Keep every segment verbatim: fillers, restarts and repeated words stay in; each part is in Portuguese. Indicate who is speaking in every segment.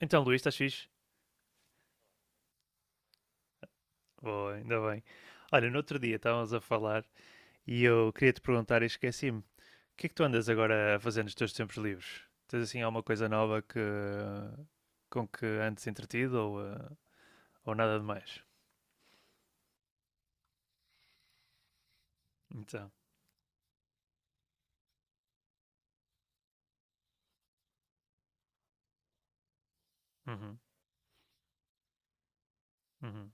Speaker 1: Então, Luís, estás fixe? Boa, ainda bem. Olha, no outro dia estávamos a falar e eu queria te perguntar e esqueci-me. O que é que tu andas agora a fazer nos teus tempos livres? Tens assim alguma coisa nova que com que antes entretido ou, eh, ou nada de mais? Então. Uhum. Uhum.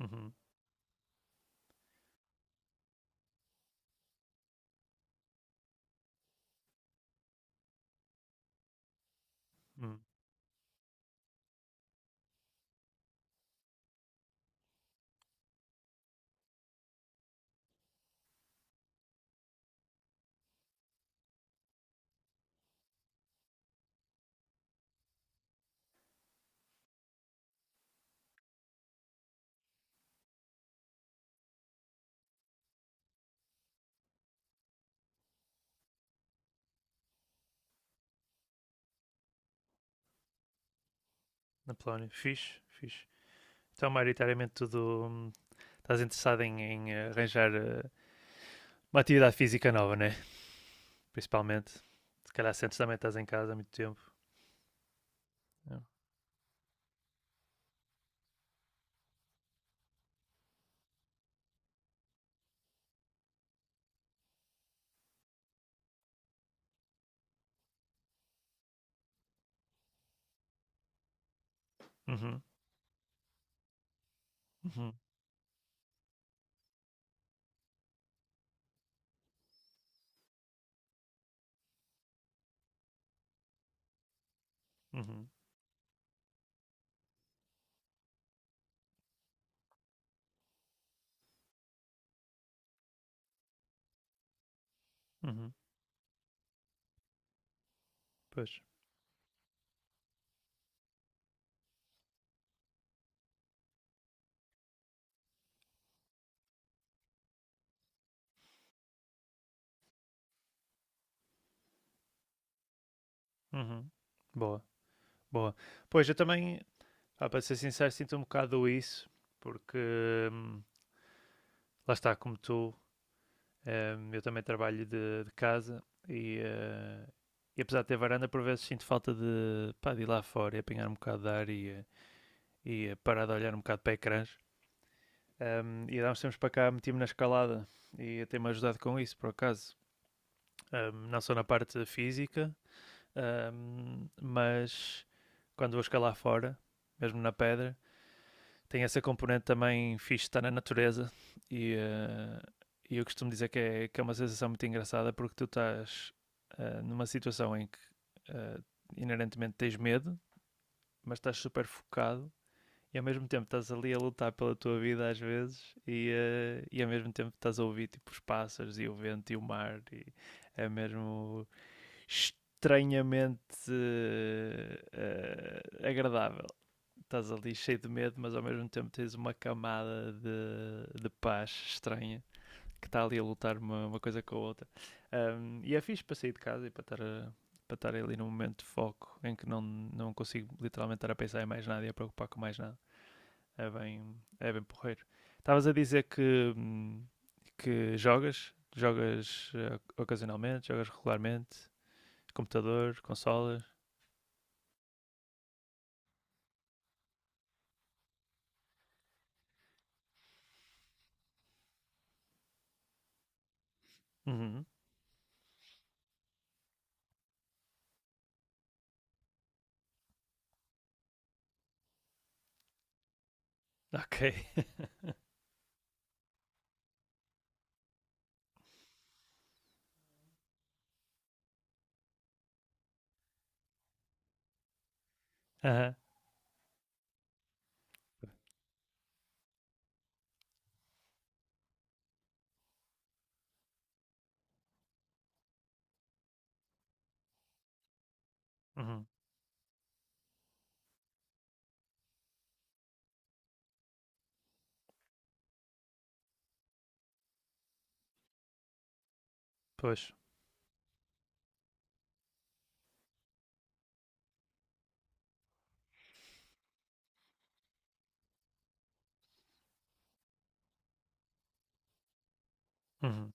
Speaker 1: Uhum. Uhum. Na Polónia, fixe, fixe. Então, maioritariamente tudo. hum, Estás interessado em, em eh, arranjar eh, uma atividade física nova, né? Principalmente. Se calhar sentes também que estás em casa há muito tempo. É. Uhum. Uhum. Uhum. Uhum, pois. Uhum. Boa, boa. Pois, eu também, ah, para ser sincero, sinto um bocado isso, porque hum, lá está, como tu, hum, eu também trabalho de, de casa e, eh, e apesar de ter varanda, por vezes sinto falta de, pá, de ir lá fora e apanhar um bocado de ar e, eh, e eh, parar de olhar um bocado para ecrãs. Hum, e há uns tempos para cá meti-me na escalada e tem-me ajudado com isso, por acaso. Hum, não só na parte física, Ahm, mas quando vou escalar fora, mesmo na pedra, tem essa componente também fixe de estar na natureza e, eh, eu costumo dizer que é, que é uma sensação muito engraçada porque tu estás eh, numa situação em que eh, inerentemente tens medo, mas estás super focado e ao mesmo tempo estás ali a lutar pela tua vida às vezes e, eh, e ao mesmo tempo estás a ouvir tipo os pássaros e o vento e o mar e é mesmo estranhamente eh, eh, agradável. Estás ali cheio de medo, mas ao mesmo tempo tens uma camada de, de paz estranha que está ali a lutar uma, uma coisa com a outra. Ahm, e é fixe para sair de casa e para estar, a- para estar ali num momento de foco em que não, não consigo literalmente estar a pensar em mais nada e a preocupar com mais nada. É bem, é bem porreiro. Estavas a dizer que, hum, que jogas, jogas eh, ocasionalmente, jogas regularmente. Computador, consolas. Uhum. Ok. Aham. Uhum. Pois. Uhum.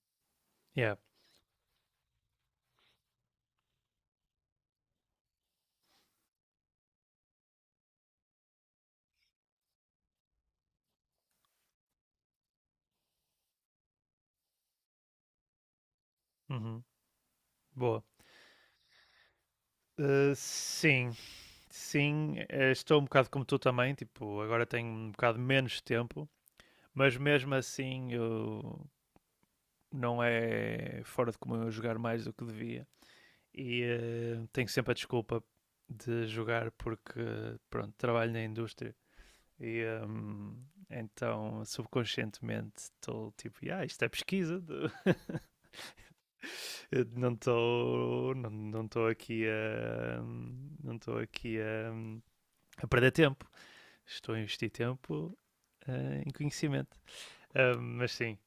Speaker 1: Yeah. Uhum. Boa. Uh, sim. Sim, eh, estou um bocado como tu também, tipo, agora tenho um bocado menos tempo, mas mesmo assim eu não é fora de comum eu jogar mais do que devia. E eh, tenho sempre a desculpa de jogar porque, pronto, trabalho na indústria e ehm, então subconscientemente estou tipo, ah, isto é pesquisa, de- Eu não estou não, não tô aqui a não estou aqui a, a perder tempo. Estou a investir tempo eh, em conhecimento. Ah, mas sim,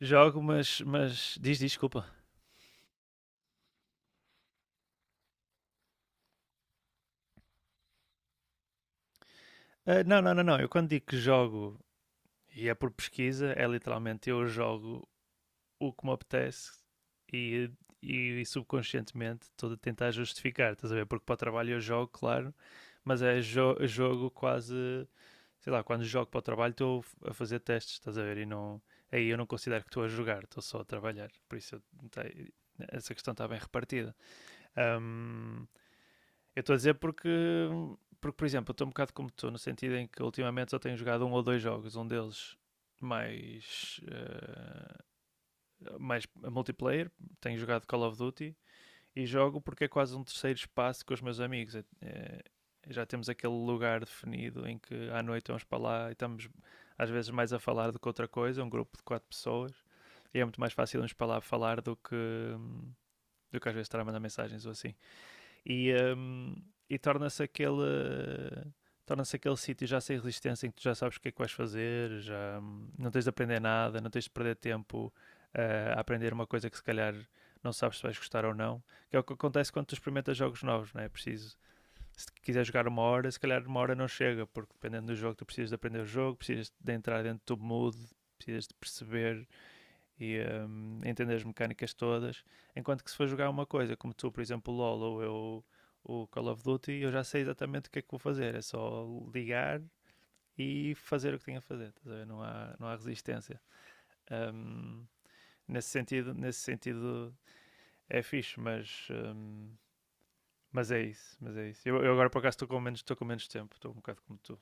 Speaker 1: jogo, mas, mas diz diz desculpa. Ah, não, não, não, não. Eu quando digo que jogo e é por pesquisa, é literalmente eu jogo o que me apetece e, e, e subconscientemente estou a tentar justificar, estás a ver? Porque para o trabalho eu jogo, claro, mas é jo jogo quase sei lá, quando jogo para o trabalho estou a fazer testes, estás a ver? E não, aí eu não considero que estou a jogar, estou só a trabalhar. Por isso eu, tá, essa questão está bem repartida. Hum, eu estou a dizer porque, porque por exemplo, eu estou um bocado como estou, no sentido em que ultimamente só tenho jogado um ou dois jogos, um deles mais, uh, mais multiplayer, tenho jogado Call of Duty e jogo porque é quase um terceiro espaço com os meus amigos. É- é- já temos aquele lugar definido em que à noite vamos para lá e estamos às vezes mais a falar do que outra coisa, um grupo de quatro pessoas. E é muito mais fácil irmos para lá falar do que, hum, do que às vezes estar a mandar mensagens ou assim e, hum, e torna-se aquele uh, torna-se aquele sítio já sem resistência em que tu já sabes o que é que vais fazer, já hum, não tens de aprender nada, não tens de perder tempo eh, a aprender uma coisa que se calhar não sabes se vais gostar ou não, que é o que acontece quando tu experimentas jogos novos, não é? É preciso, se quiser jogar uma hora, se calhar uma hora não chega, porque dependendo do jogo tu precisas de aprender o jogo, precisas de entrar dentro do mood, precisas de perceber e hum, entender as mecânicas todas. Enquanto que se for jogar uma coisa, como tu, por exemplo, o L O L ou eu, o Call of Duty, eu já sei exatamente o que é que vou fazer. É só ligar e fazer o que tenho a fazer. Não, há, não há resistência. Hum, nesse, sentido, nesse sentido é fixe, mas, hum, mas é isso. Mas é isso. Eu, eu agora por acaso estou com menos, estou com menos tempo, estou um bocado como tu.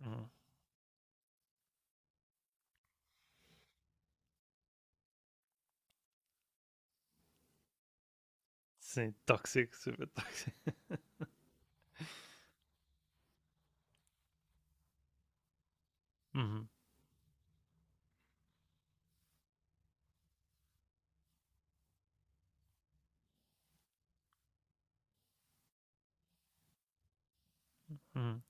Speaker 1: Uhum. Sim, tóxico, super tóxico. Uhum. Uhum.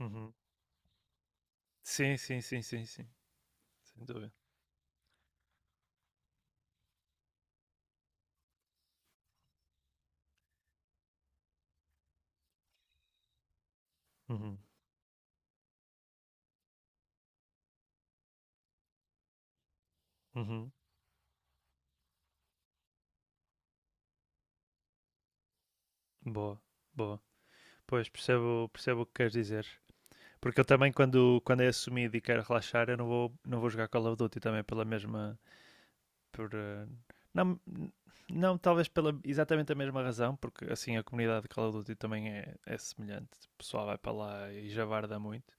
Speaker 1: Uhum. Sim, sim, sim, sim, sim. Sem dúvida. Uhum. Uhum. Boa, boa. Pois, percebo, percebo o que queres dizer. Porque eu também, quando, quando é assumido e quero relaxar, eu não vou, não vou jogar Call of Duty também pela mesma. Por, eh, não, não, talvez pela exatamente a mesma razão, porque assim a comunidade de Call of Duty também é, é semelhante. O pessoal vai para lá e javarda muito.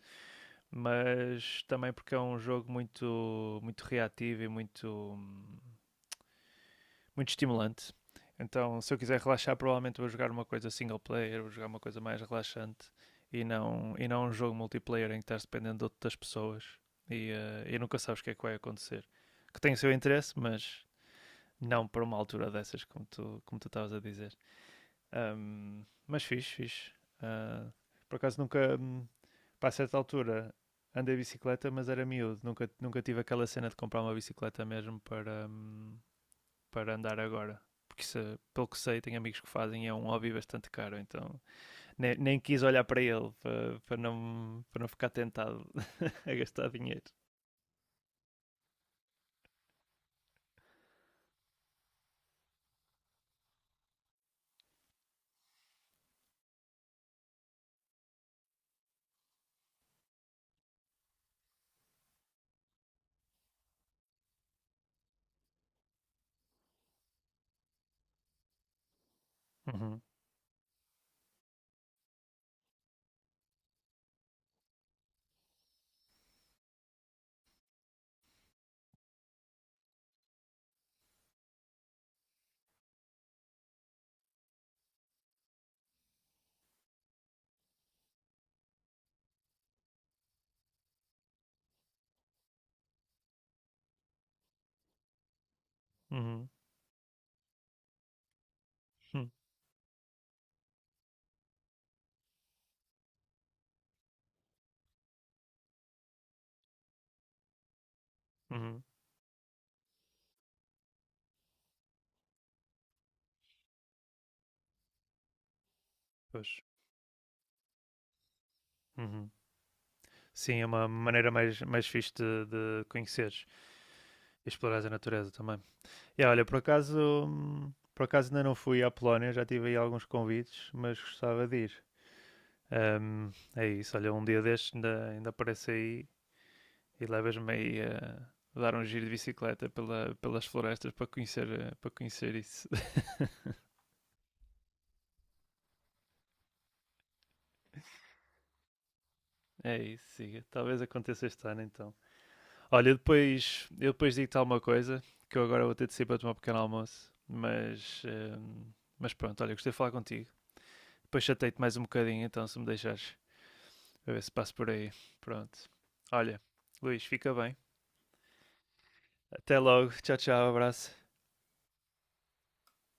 Speaker 1: Mas também porque é um jogo muito, muito reativo e muito. hum, muito estimulante. Então, se eu quiser relaxar, provavelmente vou jogar uma coisa single player, vou jogar uma coisa mais relaxante e não, e não um jogo multiplayer em que estás dependendo de outras pessoas e, uh, e nunca sabes o que é que vai acontecer. Que tem o seu interesse, mas não para uma altura dessas, como tu, como tu estavas a dizer. Um, mas fixe, fixe. Uh, por acaso nunca, um, para certa altura, andei bicicleta, mas era miúdo. Nunca, nunca tive aquela cena de comprar uma bicicleta mesmo para, um, para andar agora. Porque isso, pelo que sei, tenho amigos que fazem é um hobby bastante caro, então nem, nem quis olhar para ele para, para, não, para não ficar tentado de dinheiro. Uhum. Uhum. Uhum. Uhum, pois. Uhum. Sim, é uma maneira mais, mais fixe de, de conheceres e explorares a natureza também. E olha, por acaso, hum, por acaso ainda não fui à Polónia, já tive aí alguns convites, mas gostava de ir. Hum, É isso, olha, um dia destes ainda, ainda aparece aí e levas-me aí a dar um giro de bicicleta pela, pelas florestas para conhecer, eh, para conhecer isso. É isso, siga. Talvez aconteça este ano então. Olha, depois, eu depois digo-te alguma coisa, que eu agora vou ter de sair para tomar um pequeno almoço, mas, ehm, mas pronto, olha, gostei de falar contigo. Depois chatei-te mais um bocadinho então, se me deixares, a ver se passo por aí. Pronto. Olha, Luís, fica bem. Até logo. Tchau, tchau. Abraço.